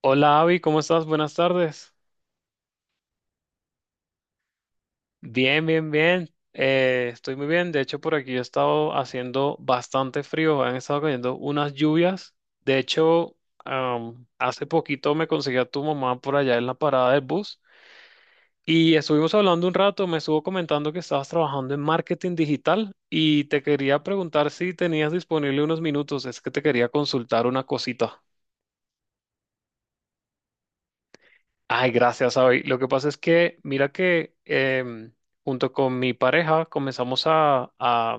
Hola Avi, ¿cómo estás? Buenas tardes. Bien, bien, bien. Estoy muy bien. De hecho, por aquí he estado haciendo bastante frío. Han estado cayendo unas lluvias. De hecho, hace poquito me conseguí a tu mamá por allá en la parada del bus y estuvimos hablando un rato. Me estuvo comentando que estabas trabajando en marketing digital y te quería preguntar si tenías disponible unos minutos. Es que te quería consultar una cosita. Ay, gracias, Abby. Lo que pasa es que, mira que junto con mi pareja comenzamos a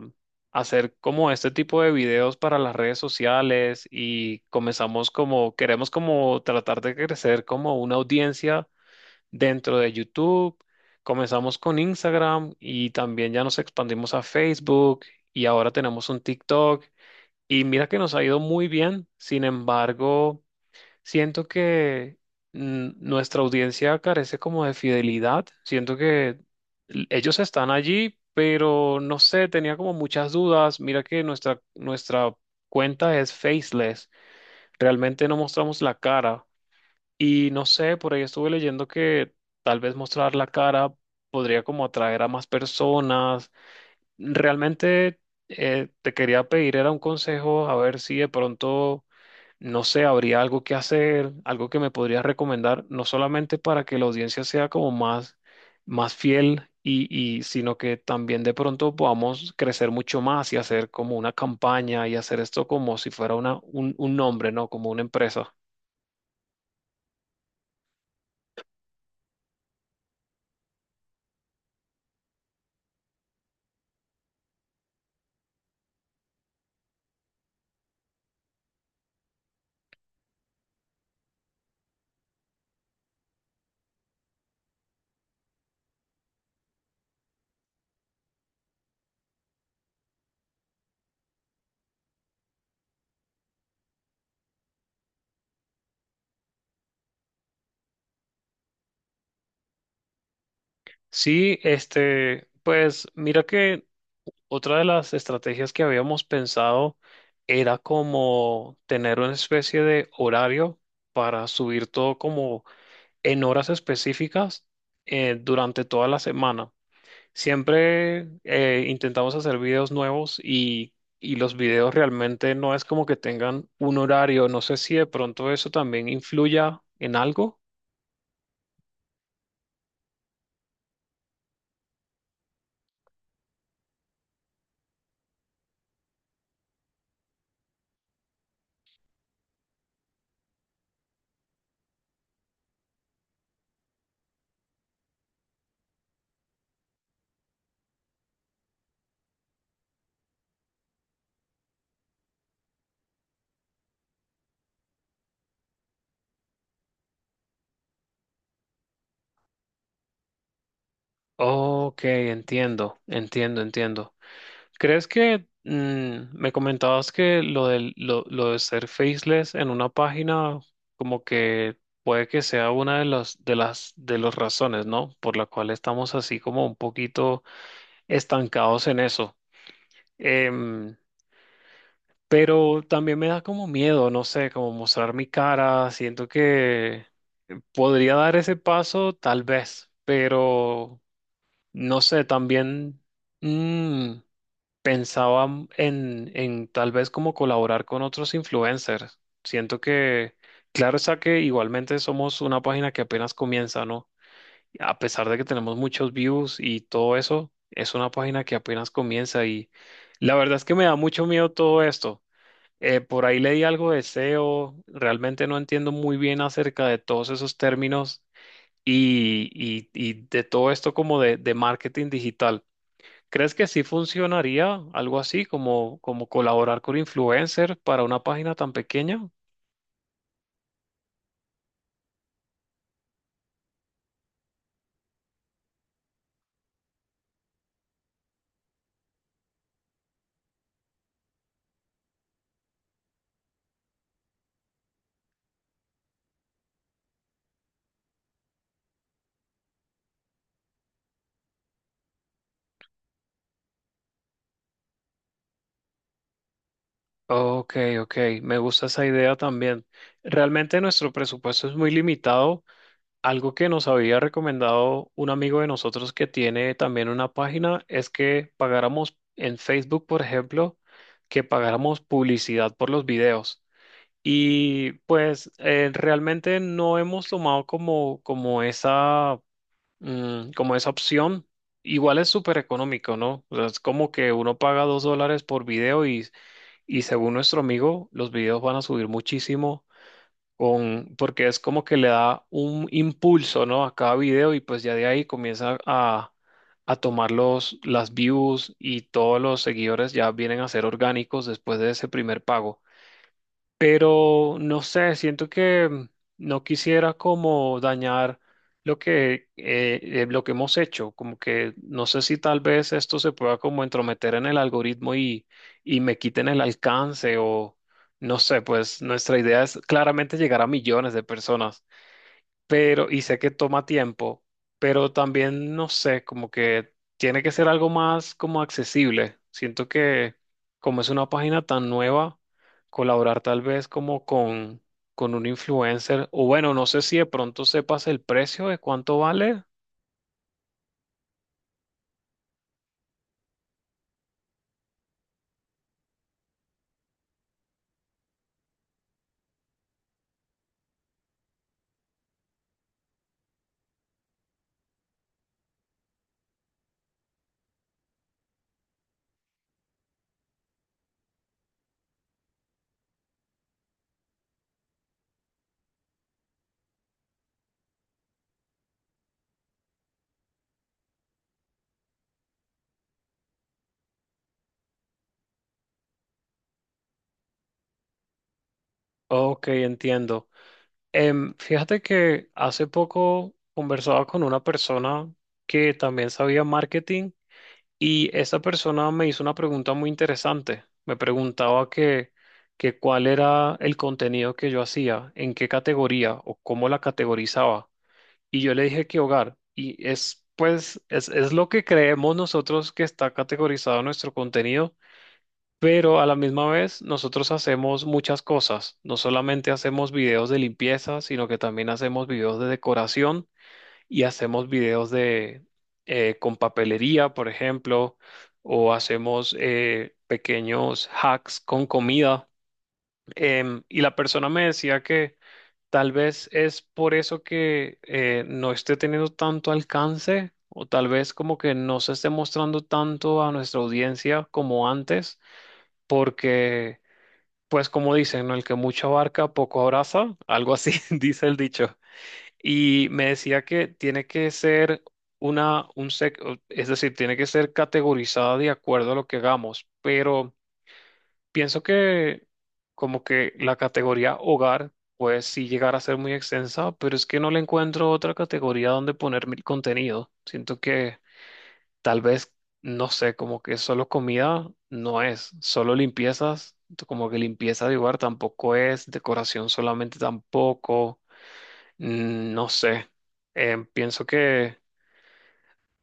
hacer como este tipo de videos para las redes sociales y comenzamos como, queremos como tratar de crecer como una audiencia dentro de YouTube. Comenzamos con Instagram y también ya nos expandimos a Facebook y ahora tenemos un TikTok. Y mira que nos ha ido muy bien. Sin embargo, siento que nuestra audiencia carece como de fidelidad. Siento que ellos están allí, pero no sé, tenía como muchas dudas. Mira que nuestra cuenta es faceless. Realmente no mostramos la cara. Y no sé, por ahí estuve leyendo que tal vez mostrar la cara podría como atraer a más personas. Realmente te quería pedir, era un consejo, a ver si de pronto no sé, habría algo que hacer, algo que me podrías recomendar, no solamente para que la audiencia sea como más, más fiel y sino que también de pronto podamos crecer mucho más y hacer como una campaña y hacer esto como si fuera una, un nombre, ¿no? Como una empresa. Sí, este, pues mira que otra de las estrategias que habíamos pensado era como tener una especie de horario para subir todo como en horas específicas durante toda la semana. Siempre intentamos hacer videos nuevos y los videos realmente no es como que tengan un horario. No sé si de pronto eso también influya en algo. Ok, entiendo, entiendo, entiendo. ¿Crees que me comentabas que lo de lo de ser faceless en una página como que puede que sea una de las de las razones, ¿no? Por la cual estamos así como un poquito estancados en eso. Em, pero también me da como miedo, no sé, como mostrar mi cara. Siento que podría dar ese paso, tal vez, pero no sé, también. mm, Pensaba en tal vez como colaborar con otros influencers. Siento que, claro está que igualmente somos una página que apenas comienza, ¿no? A pesar de que tenemos muchos views y todo eso, es una página que apenas comienza y la verdad es que me da mucho miedo todo esto. Por ahí leí algo de SEO, realmente no entiendo muy bien acerca de todos esos términos y de todo esto como de marketing digital. ¿Crees que sí funcionaría algo así como, como colaborar con influencers para una página tan pequeña? Ok, ok, me gusta esa idea también. Realmente nuestro presupuesto es muy limitado. Algo que nos había recomendado un amigo de nosotros que tiene también una página es que pagáramos en Facebook, por ejemplo, que pagáramos publicidad por los videos. Y pues realmente no hemos tomado como, como esa como esa opción. Igual es súper económico, ¿no? O sea, es como que uno paga $2 por video y según nuestro amigo, los videos van a subir muchísimo con, porque es como que le da un impulso, ¿no? A cada video y pues ya de ahí comienza a tomar las views y todos los seguidores ya vienen a ser orgánicos después de ese primer pago, pero no sé, siento que no quisiera como dañar lo que hemos hecho, como que no sé si tal vez esto se pueda como entrometer en el algoritmo y me quiten el alcance o no sé, pues nuestra idea es claramente llegar a millones de personas pero, y sé que toma tiempo, pero también, no sé, como que tiene que ser algo más como accesible. Siento que como es una página tan nueva, colaborar tal vez con un influencer, o bueno, no sé si de pronto sepas el precio de cuánto vale. Ok, entiendo. Fíjate que hace poco conversaba con una persona que también sabía marketing. Y esa persona me hizo una pregunta muy interesante. Me preguntaba que cuál era el contenido que yo hacía, en qué categoría o cómo la categorizaba. Y yo le dije que hogar. Y es, pues, es lo que creemos nosotros que está categorizado nuestro contenido, pero a la misma vez nosotros hacemos muchas cosas. No solamente hacemos videos de limpieza, sino que también hacemos videos de decoración y hacemos videos de con papelería, por ejemplo, o hacemos pequeños hacks con comida. Y la persona me decía que tal vez es por eso que no esté teniendo tanto alcance, o tal vez como que no se esté mostrando tanto a nuestra audiencia como antes, porque, pues como dicen, ¿no? El que mucho abarca, poco abraza, algo así dice el dicho. Y me decía que tiene que ser una, es decir, tiene que ser categorizada de acuerdo a lo que hagamos, pero pienso que como que la categoría hogar puede sí llegar a ser muy extensa, pero es que no le encuentro otra categoría donde poner mi contenido. Siento que tal vez, no sé, como que solo comida no es, solo limpiezas, como que limpieza de hogar tampoco es, decoración solamente tampoco. No sé. Pienso que,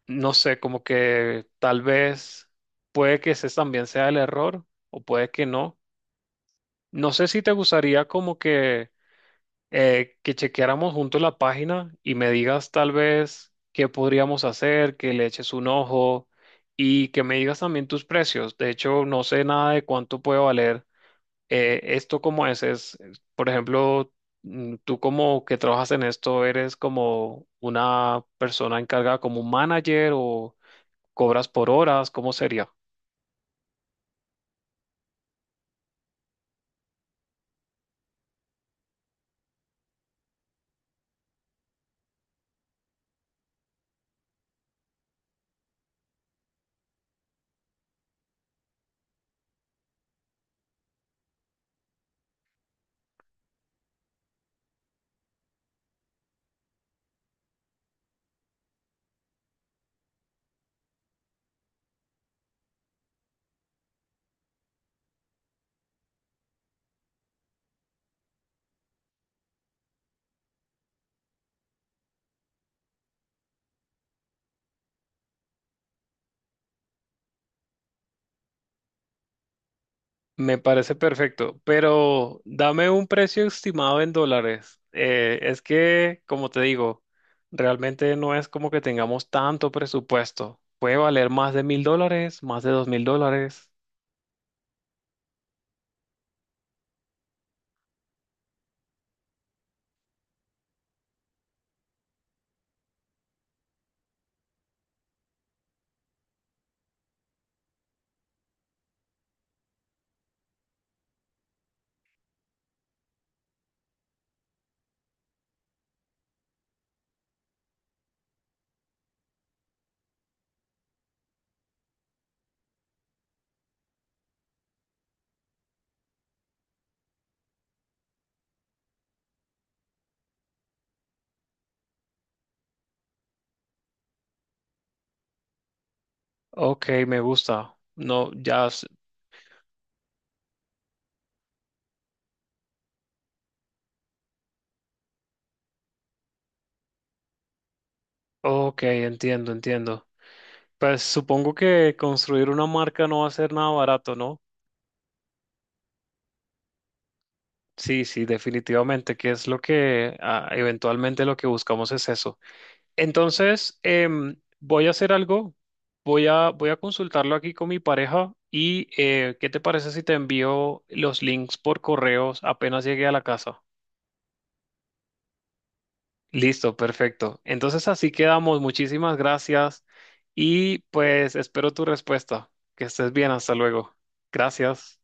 no sé, como que tal vez puede que ese también sea el error o puede que no. No sé si te gustaría como que chequeáramos juntos la página y me digas tal vez qué podríamos hacer, que le eches un ojo y que me digas también tus precios. De hecho, no sé nada de cuánto puede valer esto como es, por ejemplo, tú como que trabajas en esto, eres como una persona encargada como un manager o cobras por horas, ¿cómo sería? Me parece perfecto, pero dame un precio estimado en dólares. Es que, como te digo, realmente no es como que tengamos tanto presupuesto. Puede valer más de $1,000, más de $2,000. Ok, me gusta. No, ya, ok, entiendo, entiendo. Pues supongo que construir una marca no va a ser nada barato, ¿no? Sí, sí, definitivamente, que es lo que ah, eventualmente lo que buscamos es eso. Entonces, voy a hacer algo, voy a consultarlo aquí con mi pareja y ¿qué te parece si te envío los links por correos apenas llegue a la casa? Listo, perfecto. Entonces así quedamos. Muchísimas gracias y pues espero tu respuesta. Que estés bien, hasta luego. Gracias.